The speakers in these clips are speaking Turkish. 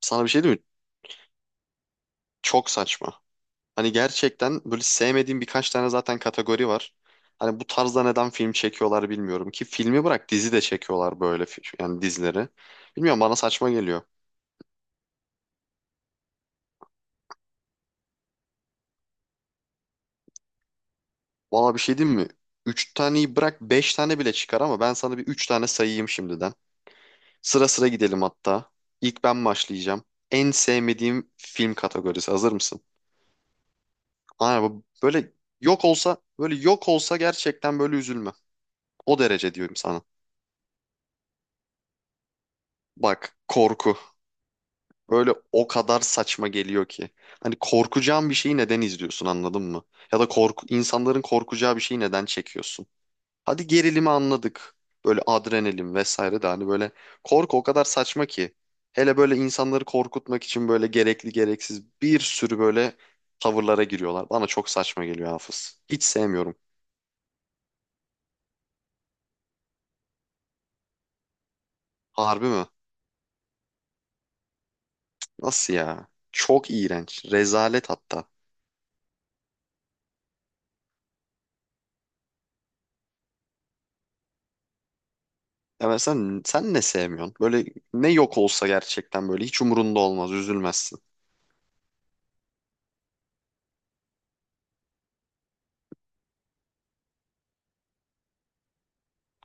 Sana bir şey diyeyim mi? Çok saçma. Hani gerçekten böyle sevmediğim birkaç tane zaten kategori var. Hani bu tarzda neden film çekiyorlar bilmiyorum ki filmi bırak dizi de çekiyorlar böyle yani dizileri. Bilmiyorum bana saçma geliyor. Valla bir şey diyeyim mi? Üç taneyi bırak beş tane bile çıkar ama ben sana bir üç tane sayayım şimdiden. Sıra sıra gidelim hatta. İlk ben başlayacağım. En sevmediğim film kategorisi. Hazır mısın? Aynen böyle yok olsa gerçekten böyle üzülme. O derece diyorum sana. Bak korku. Böyle o kadar saçma geliyor ki. Hani korkacağın bir şeyi neden izliyorsun anladın mı? Ya da korku, insanların korkacağı bir şeyi neden çekiyorsun? Hadi gerilimi anladık. Böyle adrenalin vesaire de hani böyle korku o kadar saçma ki. Hele böyle insanları korkutmak için böyle gerekli gereksiz bir sürü böyle tavırlara giriyorlar. Bana çok saçma geliyor, Hafız. Hiç sevmiyorum. Harbi mi? Nasıl ya? Çok iğrenç. Rezalet hatta. Ya mesela sen ne sevmiyorsun? Böyle ne yok olsa gerçekten böyle hiç umurunda olmaz, üzülmezsin.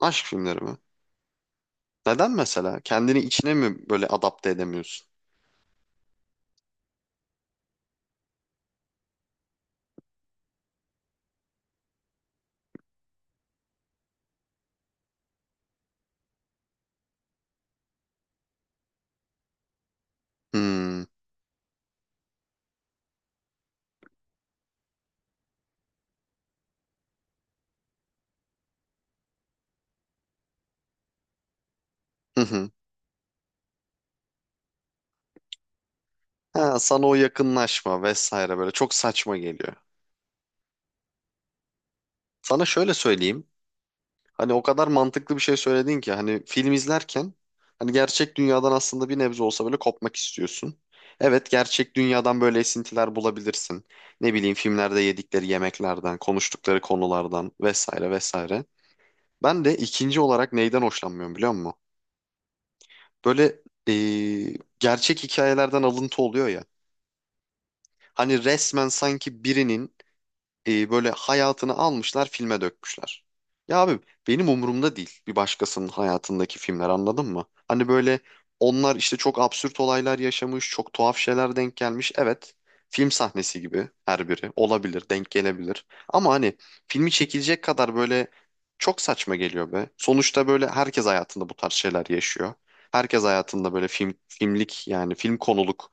Aşk filmleri mi? Neden mesela? Kendini içine mi böyle adapte edemiyorsun? Hmm. Hı hı. Ha, sana o yakınlaşma vesaire böyle çok saçma geliyor. Sana şöyle söyleyeyim. Hani o kadar mantıklı bir şey söyledin ki hani film izlerken hani gerçek dünyadan aslında bir nebze olsa böyle kopmak istiyorsun. Evet, gerçek dünyadan böyle esintiler bulabilirsin. Ne bileyim, filmlerde yedikleri yemeklerden, konuştukları konulardan vesaire vesaire. Ben de ikinci olarak neyden hoşlanmıyorum biliyor musun? Böyle gerçek hikayelerden alıntı oluyor ya. Hani resmen sanki birinin böyle hayatını almışlar filme dökmüşler. Ya abi, benim umurumda değil bir başkasının hayatındaki filmler, anladın mı? Hani böyle onlar işte çok absürt olaylar yaşamış, çok tuhaf şeyler denk gelmiş. Evet, film sahnesi gibi her biri olabilir, denk gelebilir. Ama hani filmi çekilecek kadar böyle çok saçma geliyor be. Sonuçta böyle herkes hayatında bu tarz şeyler yaşıyor. Herkes hayatında böyle film filmlik yani film konuluk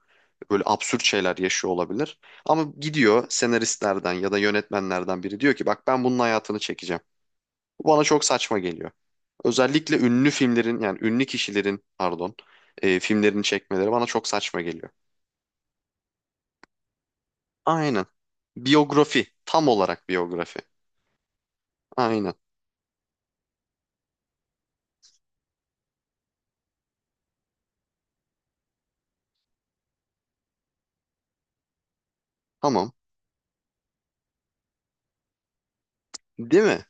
böyle absürt şeyler yaşıyor olabilir. Ama gidiyor senaristlerden ya da yönetmenlerden biri diyor ki bak ben bunun hayatını çekeceğim. Bu bana çok saçma geliyor. Özellikle ünlü filmlerin yani ünlü kişilerin, pardon, filmlerini çekmeleri bana çok saçma geliyor. Aynen. Biyografi. Tam olarak biyografi. Aynen. Tamam. Değil mi?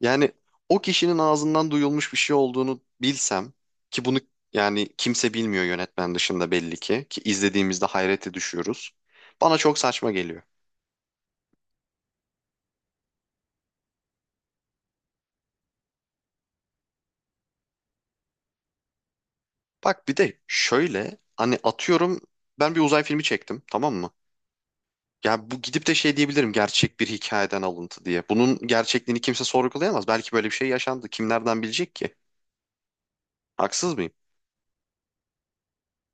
Yani o kişinin ağzından duyulmuş bir şey olduğunu bilsem, ki bunu yani kimse bilmiyor yönetmen dışında belli ki izlediğimizde hayrete düşüyoruz. Bana çok saçma geliyor. Bak bir de şöyle, hani atıyorum, ben bir uzay filmi çektim, tamam mı? Yani bu gidip de şey diyebilirim, gerçek bir hikayeden alıntı diye. Bunun gerçekliğini kimse sorgulayamaz. Belki böyle bir şey yaşandı. Kim nereden bilecek ki? Haksız mıyım?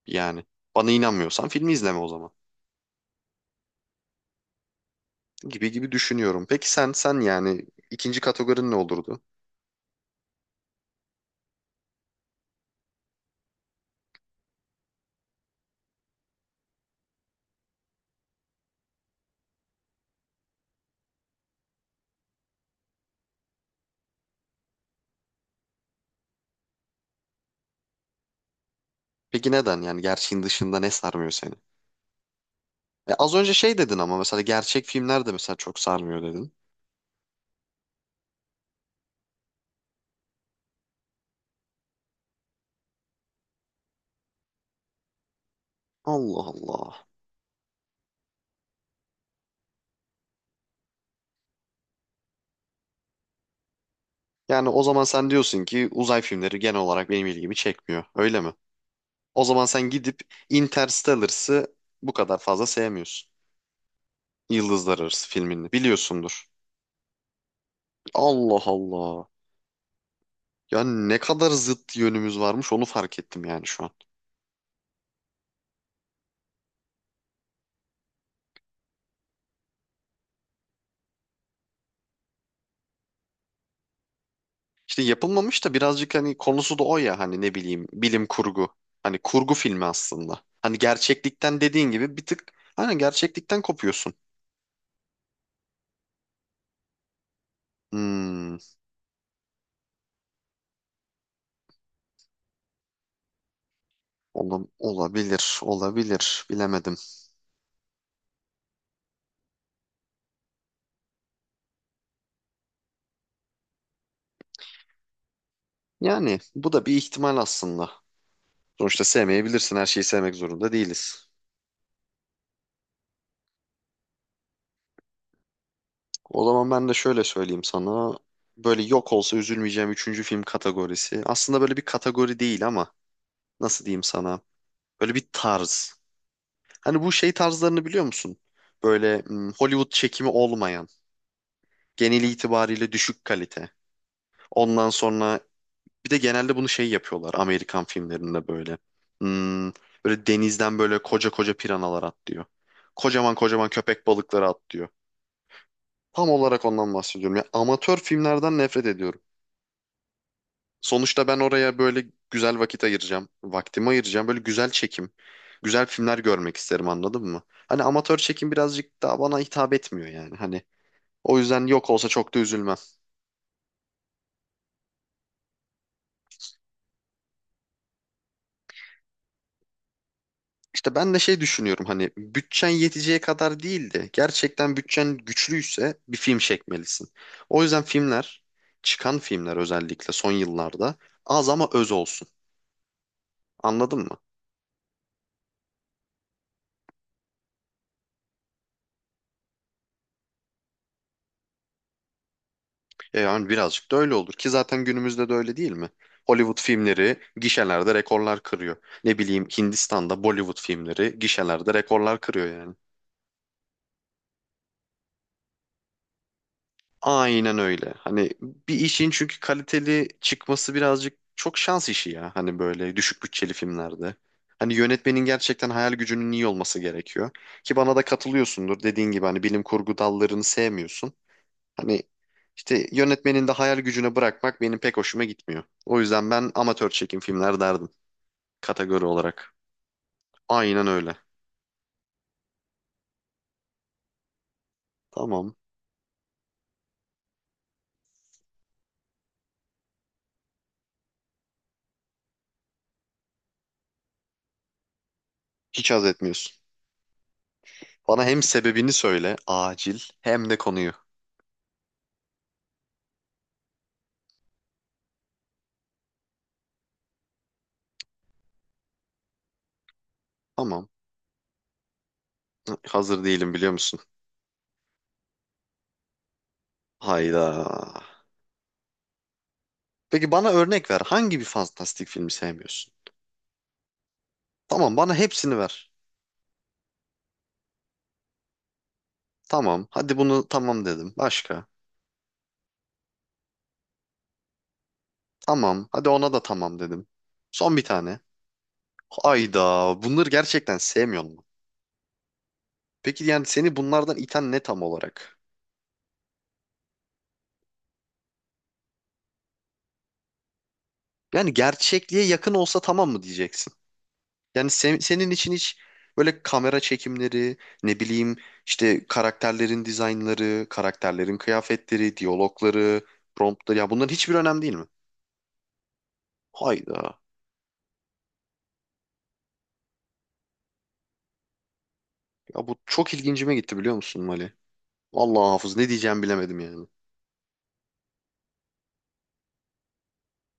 Yani bana inanmıyorsan filmi izleme o zaman. Gibi gibi düşünüyorum. Peki sen yani ikinci kategorin ne olurdu? Peki neden, yani gerçeğin dışında ne sarmıyor seni? E az önce şey dedin ama mesela gerçek filmler de mesela çok sarmıyor dedin. Allah Allah. Yani o zaman sen diyorsun ki uzay filmleri genel olarak benim ilgimi çekmiyor. Öyle mi? O zaman sen gidip Interstellar'sı bu kadar fazla sevmiyorsun. Yıldızlar Arası filmini biliyorsundur. Allah Allah. Ya ne kadar zıt yönümüz varmış, onu fark ettim yani şu an. İşte yapılmamış da birazcık hani konusu da o ya, hani ne bileyim, bilim kurgu. Hani kurgu filmi aslında. Hani gerçeklikten, dediğin gibi, bir tık hani gerçeklikten kopuyorsun. Hmm, olabilir, olabilir. Bilemedim. Yani bu da bir ihtimal aslında. Sonuçta sevmeyebilirsin. Her şeyi sevmek zorunda değiliz. O zaman ben de şöyle söyleyeyim sana. Böyle yok olsa üzülmeyeceğim üçüncü film kategorisi. Aslında böyle bir kategori değil ama nasıl diyeyim sana? Böyle bir tarz. Hani bu şey tarzlarını biliyor musun? Böyle Hollywood çekimi olmayan, genel itibariyle düşük kalite. Ondan sonra bir de genelde bunu şey yapıyorlar, Amerikan filmlerinde böyle. Hmm, Böyle denizden böyle koca koca piranalar atlıyor. Kocaman kocaman köpek balıkları atlıyor. Tam olarak ondan bahsediyorum. Ya, amatör filmlerden nefret ediyorum. Sonuçta ben oraya böyle güzel vakit ayıracağım. Vaktimi ayıracağım. Böyle güzel çekim. Güzel filmler görmek isterim, anladın mı? Hani amatör çekim birazcık daha bana hitap etmiyor yani. Hani o yüzden yok olsa çok da üzülmem. İşte ben de şey düşünüyorum, hani bütçen yeteceği kadar değil de gerçekten bütçen güçlüyse bir film çekmelisin. O yüzden çıkan filmler özellikle son yıllarda az ama öz olsun. Anladın mı? E yani birazcık da öyle olur ki zaten günümüzde de öyle, değil mi? Hollywood filmleri gişelerde rekorlar kırıyor. Ne bileyim, Hindistan'da Bollywood filmleri gişelerde rekorlar kırıyor yani. Aynen öyle. Hani bir işin çünkü kaliteli çıkması birazcık çok şans işi ya, hani böyle düşük bütçeli filmlerde. Hani yönetmenin gerçekten hayal gücünün iyi olması gerekiyor. Ki bana da katılıyorsundur. Dediğin gibi hani bilim kurgu dallarını sevmiyorsun. Hani işte yönetmenin de hayal gücüne bırakmak benim pek hoşuma gitmiyor. O yüzden ben amatör çekim filmler derdim, kategori olarak. Aynen öyle. Tamam. Hiç haz etmiyorsun. Bana hem sebebini söyle acil hem de konuyu. Tamam. Hazır değilim, biliyor musun? Hayda. Peki bana örnek ver. Hangi bir fantastik filmi sevmiyorsun? Tamam, bana hepsini ver. Tamam. Hadi bunu tamam dedim. Başka. Tamam. Hadi ona da tamam dedim. Son bir tane. Hayda. Bunları gerçekten sevmiyor mu? Peki yani seni bunlardan iten ne tam olarak? Yani gerçekliğe yakın olsa tamam mı diyeceksin? Yani senin için hiç böyle kamera çekimleri, ne bileyim işte karakterlerin dizaynları, karakterlerin kıyafetleri, diyalogları, promptları ya, bunların hiçbir önemli değil mi? Hayda. Ya bu çok ilgincime gitti, biliyor musun Mali? Vallahi Hafız, ne diyeceğimi bilemedim yani.